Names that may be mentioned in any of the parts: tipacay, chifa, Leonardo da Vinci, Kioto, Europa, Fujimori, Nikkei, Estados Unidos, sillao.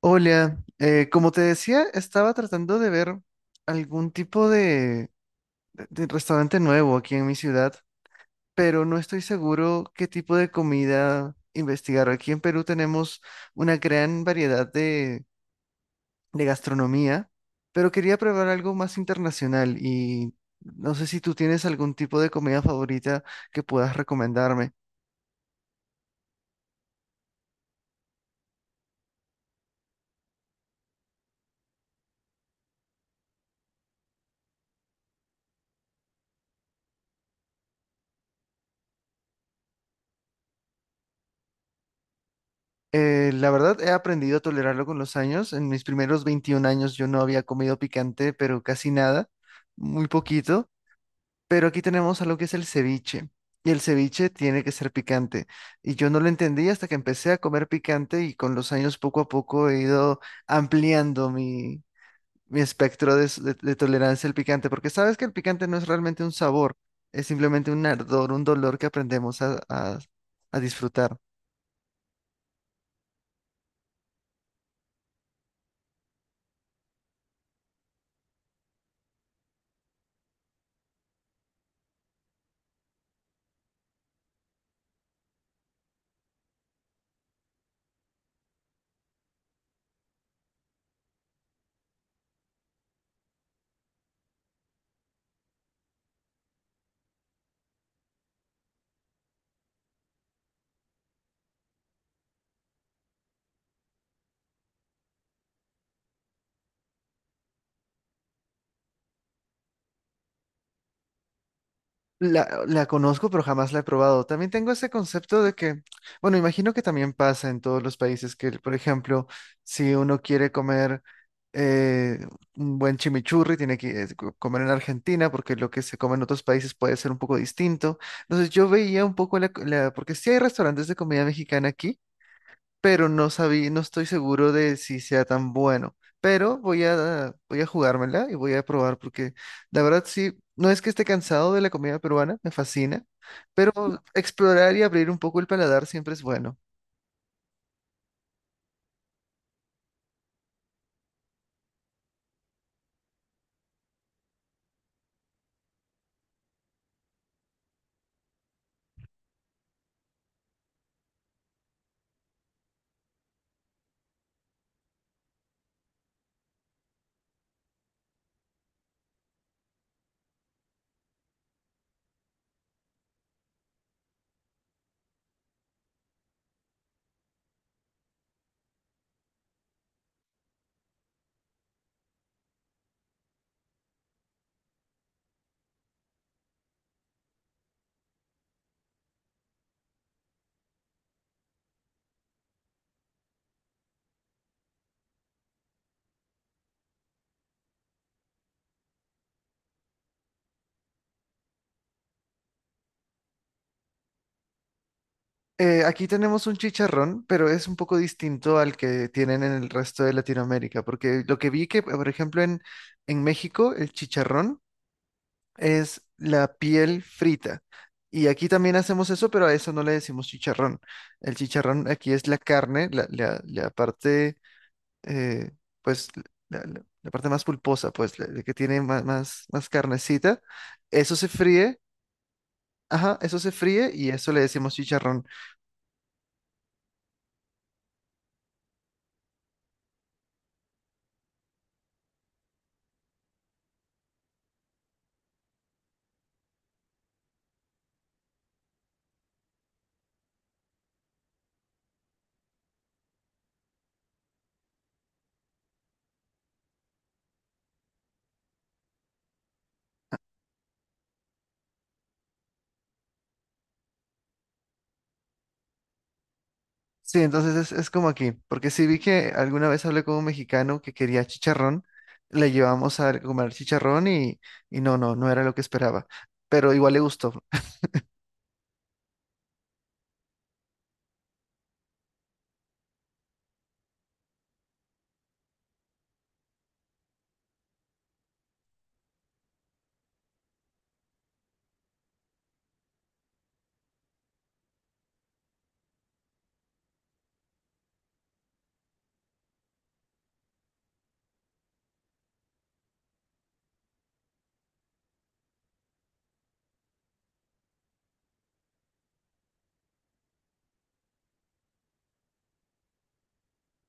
Hola, como te decía, estaba tratando de ver algún tipo de restaurante nuevo aquí en mi ciudad, pero no estoy seguro qué tipo de comida investigar. Aquí en Perú tenemos una gran variedad de gastronomía, pero quería probar algo más internacional y no sé si tú tienes algún tipo de comida favorita que puedas recomendarme. La verdad, he aprendido a tolerarlo con los años. En mis primeros 21 años yo no había comido picante, pero casi nada, muy poquito. Pero aquí tenemos algo que es el ceviche. Y el ceviche tiene que ser picante. Y yo no lo entendí hasta que empecé a comer picante y con los años poco a poco he ido ampliando mi espectro de tolerancia al picante, porque sabes que el picante no es realmente un sabor, es simplemente un ardor, un dolor que aprendemos a disfrutar. La conozco, pero jamás la he probado. También tengo ese concepto de que, bueno, imagino que también pasa en todos los países que, por ejemplo, si uno quiere comer eh, un buen chimichurri, tiene que comer en Argentina, porque lo que se come en otros países puede ser un poco distinto. Entonces yo veía un poco porque sí hay restaurantes de comida mexicana aquí, pero no sabía, no estoy seguro de si sea tan bueno. Pero voy a jugármela y voy a probar porque la verdad sí, no es que esté cansado de la comida peruana, me fascina, pero explorar y abrir un poco el paladar siempre es bueno. Aquí tenemos un chicharrón, pero es un poco distinto al que tienen en el resto de Latinoamérica, porque lo que vi que, por ejemplo, en México, el chicharrón es la piel frita. Y aquí también hacemos eso, pero a eso no le decimos chicharrón. El chicharrón aquí es la carne, la parte, eh, pues, la parte más pulposa, pues, la que tiene más, más, más carnecita. Eso se fríe, ajá, eso se fríe y eso le decimos chicharrón. Sí, entonces es como aquí, porque sí vi que alguna vez hablé con un mexicano que quería chicharrón, le llevamos a comer chicharrón y, no era lo que esperaba, pero igual le gustó.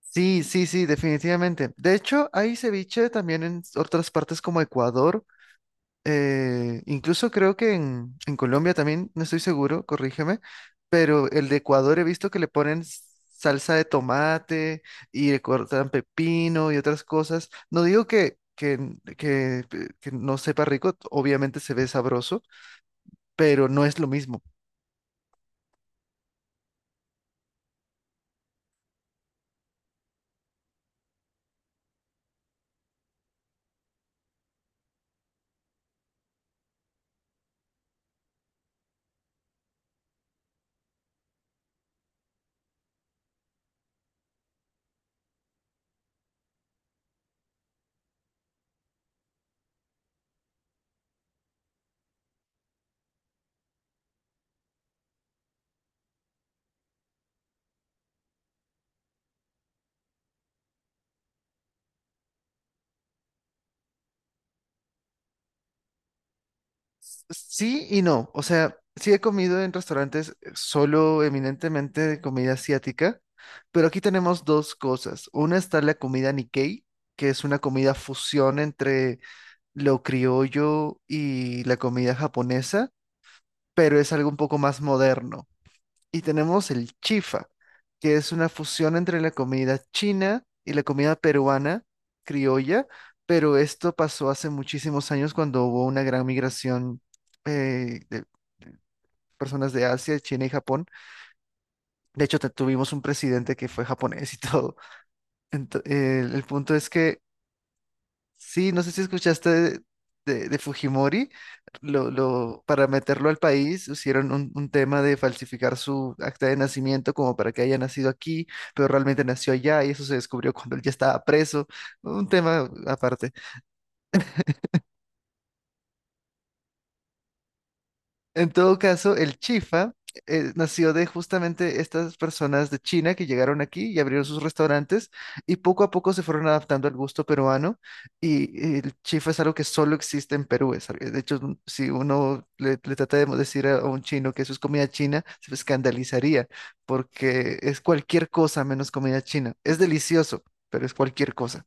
Sí, sí, sí, definitivamente. De hecho, hay ceviche también en otras partes como Ecuador. Incluso creo que en Colombia también, no estoy seguro, corrígeme, pero el de Ecuador he visto que le ponen salsa de tomate y le cortan pepino y otras cosas. No digo que, que no sepa rico, obviamente se ve sabroso, pero no es lo mismo. Sí y no. O sea, sí he comido en restaurantes solo eminentemente de comida asiática, pero aquí tenemos dos cosas. Una está la comida Nikkei, que es una comida fusión entre lo criollo y la comida japonesa, pero es algo un poco más moderno. Y tenemos el chifa, que es una fusión entre la comida china y la comida peruana, criolla, pero esto pasó hace muchísimos años cuando hubo una gran migración eh, de de personas de Asia, China y Japón. De hecho, tuvimos un presidente que fue japonés y todo. El punto es que... Sí, no sé si escuchaste de Fujimori. Para meterlo al país hicieron un tema de falsificar su acta de nacimiento como para que haya nacido aquí, pero realmente nació allá y eso se descubrió cuando él ya estaba preso, un tema aparte. En todo caso, el chifa nació de justamente estas personas de China que llegaron aquí y abrieron sus restaurantes y poco a poco se fueron adaptando al gusto peruano, y el chifa es algo que solo existe en Perú. De hecho, si uno le, le trata de decir a un chino que eso es comida china, se escandalizaría porque es cualquier cosa menos comida china. Es delicioso, pero es cualquier cosa.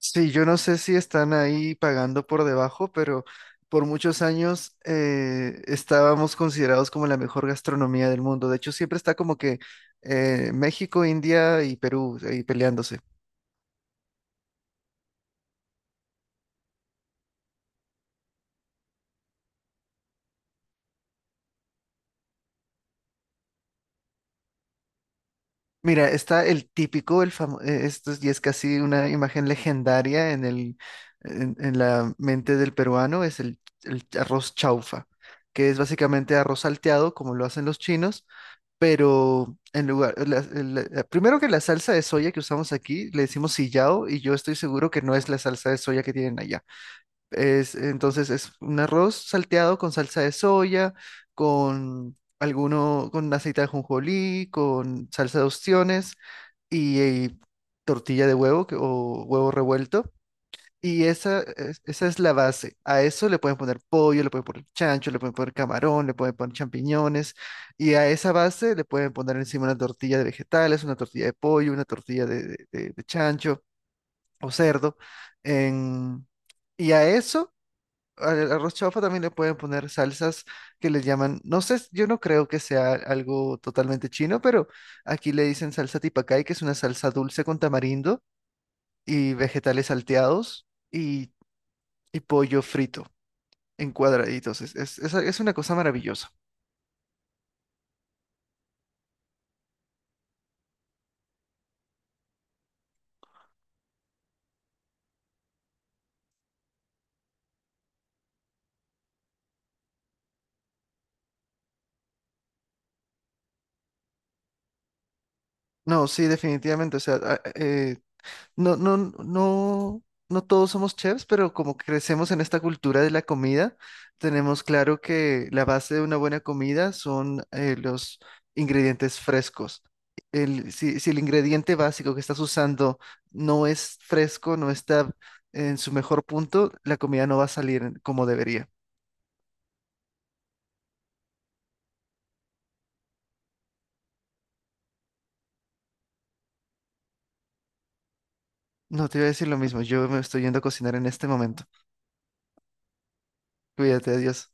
Sí, yo no sé si están ahí pagando por debajo, pero por muchos años estábamos considerados como la mejor gastronomía del mundo. De hecho, siempre está como que México, India y Perú ahí peleándose. Mira, está el típico, el famoso, esto es- y es casi una imagen legendaria en en la mente del peruano, es el arroz chaufa, que es básicamente arroz salteado, como lo hacen los chinos, pero en lugar, primero que la salsa de soya que usamos aquí le decimos sillao y yo estoy seguro que no es la salsa de soya que tienen allá. Entonces es un arroz salteado con salsa de soya, con alguno, con aceite de ajonjolí, con salsa de ostiones y, tortilla de huevo, o huevo revuelto. Y esa es la base. A eso le pueden poner pollo, le pueden poner chancho, le pueden poner camarón, le pueden poner champiñones. Y a esa base le pueden poner encima una tortilla de vegetales, una tortilla de pollo, una tortilla de chancho o cerdo. en- Y a eso, al arroz chaufa también le pueden poner salsas que le llaman, no sé, yo no creo que sea algo totalmente chino, pero aquí le dicen salsa tipacay, que es una salsa dulce con tamarindo y vegetales salteados. Y pollo frito en cuadraditos. Es una cosa maravillosa. No, sí, definitivamente. O sea, no, no, no, no todos somos chefs, pero como crecemos en esta cultura de la comida, tenemos claro que la base de una buena comida son los ingredientes frescos. Si, si el ingrediente básico que estás usando no es fresco, no está en su mejor punto, la comida no va a salir como debería. No, te iba a decir lo mismo. Yo me estoy yendo a cocinar en este momento. Cuídate, adiós.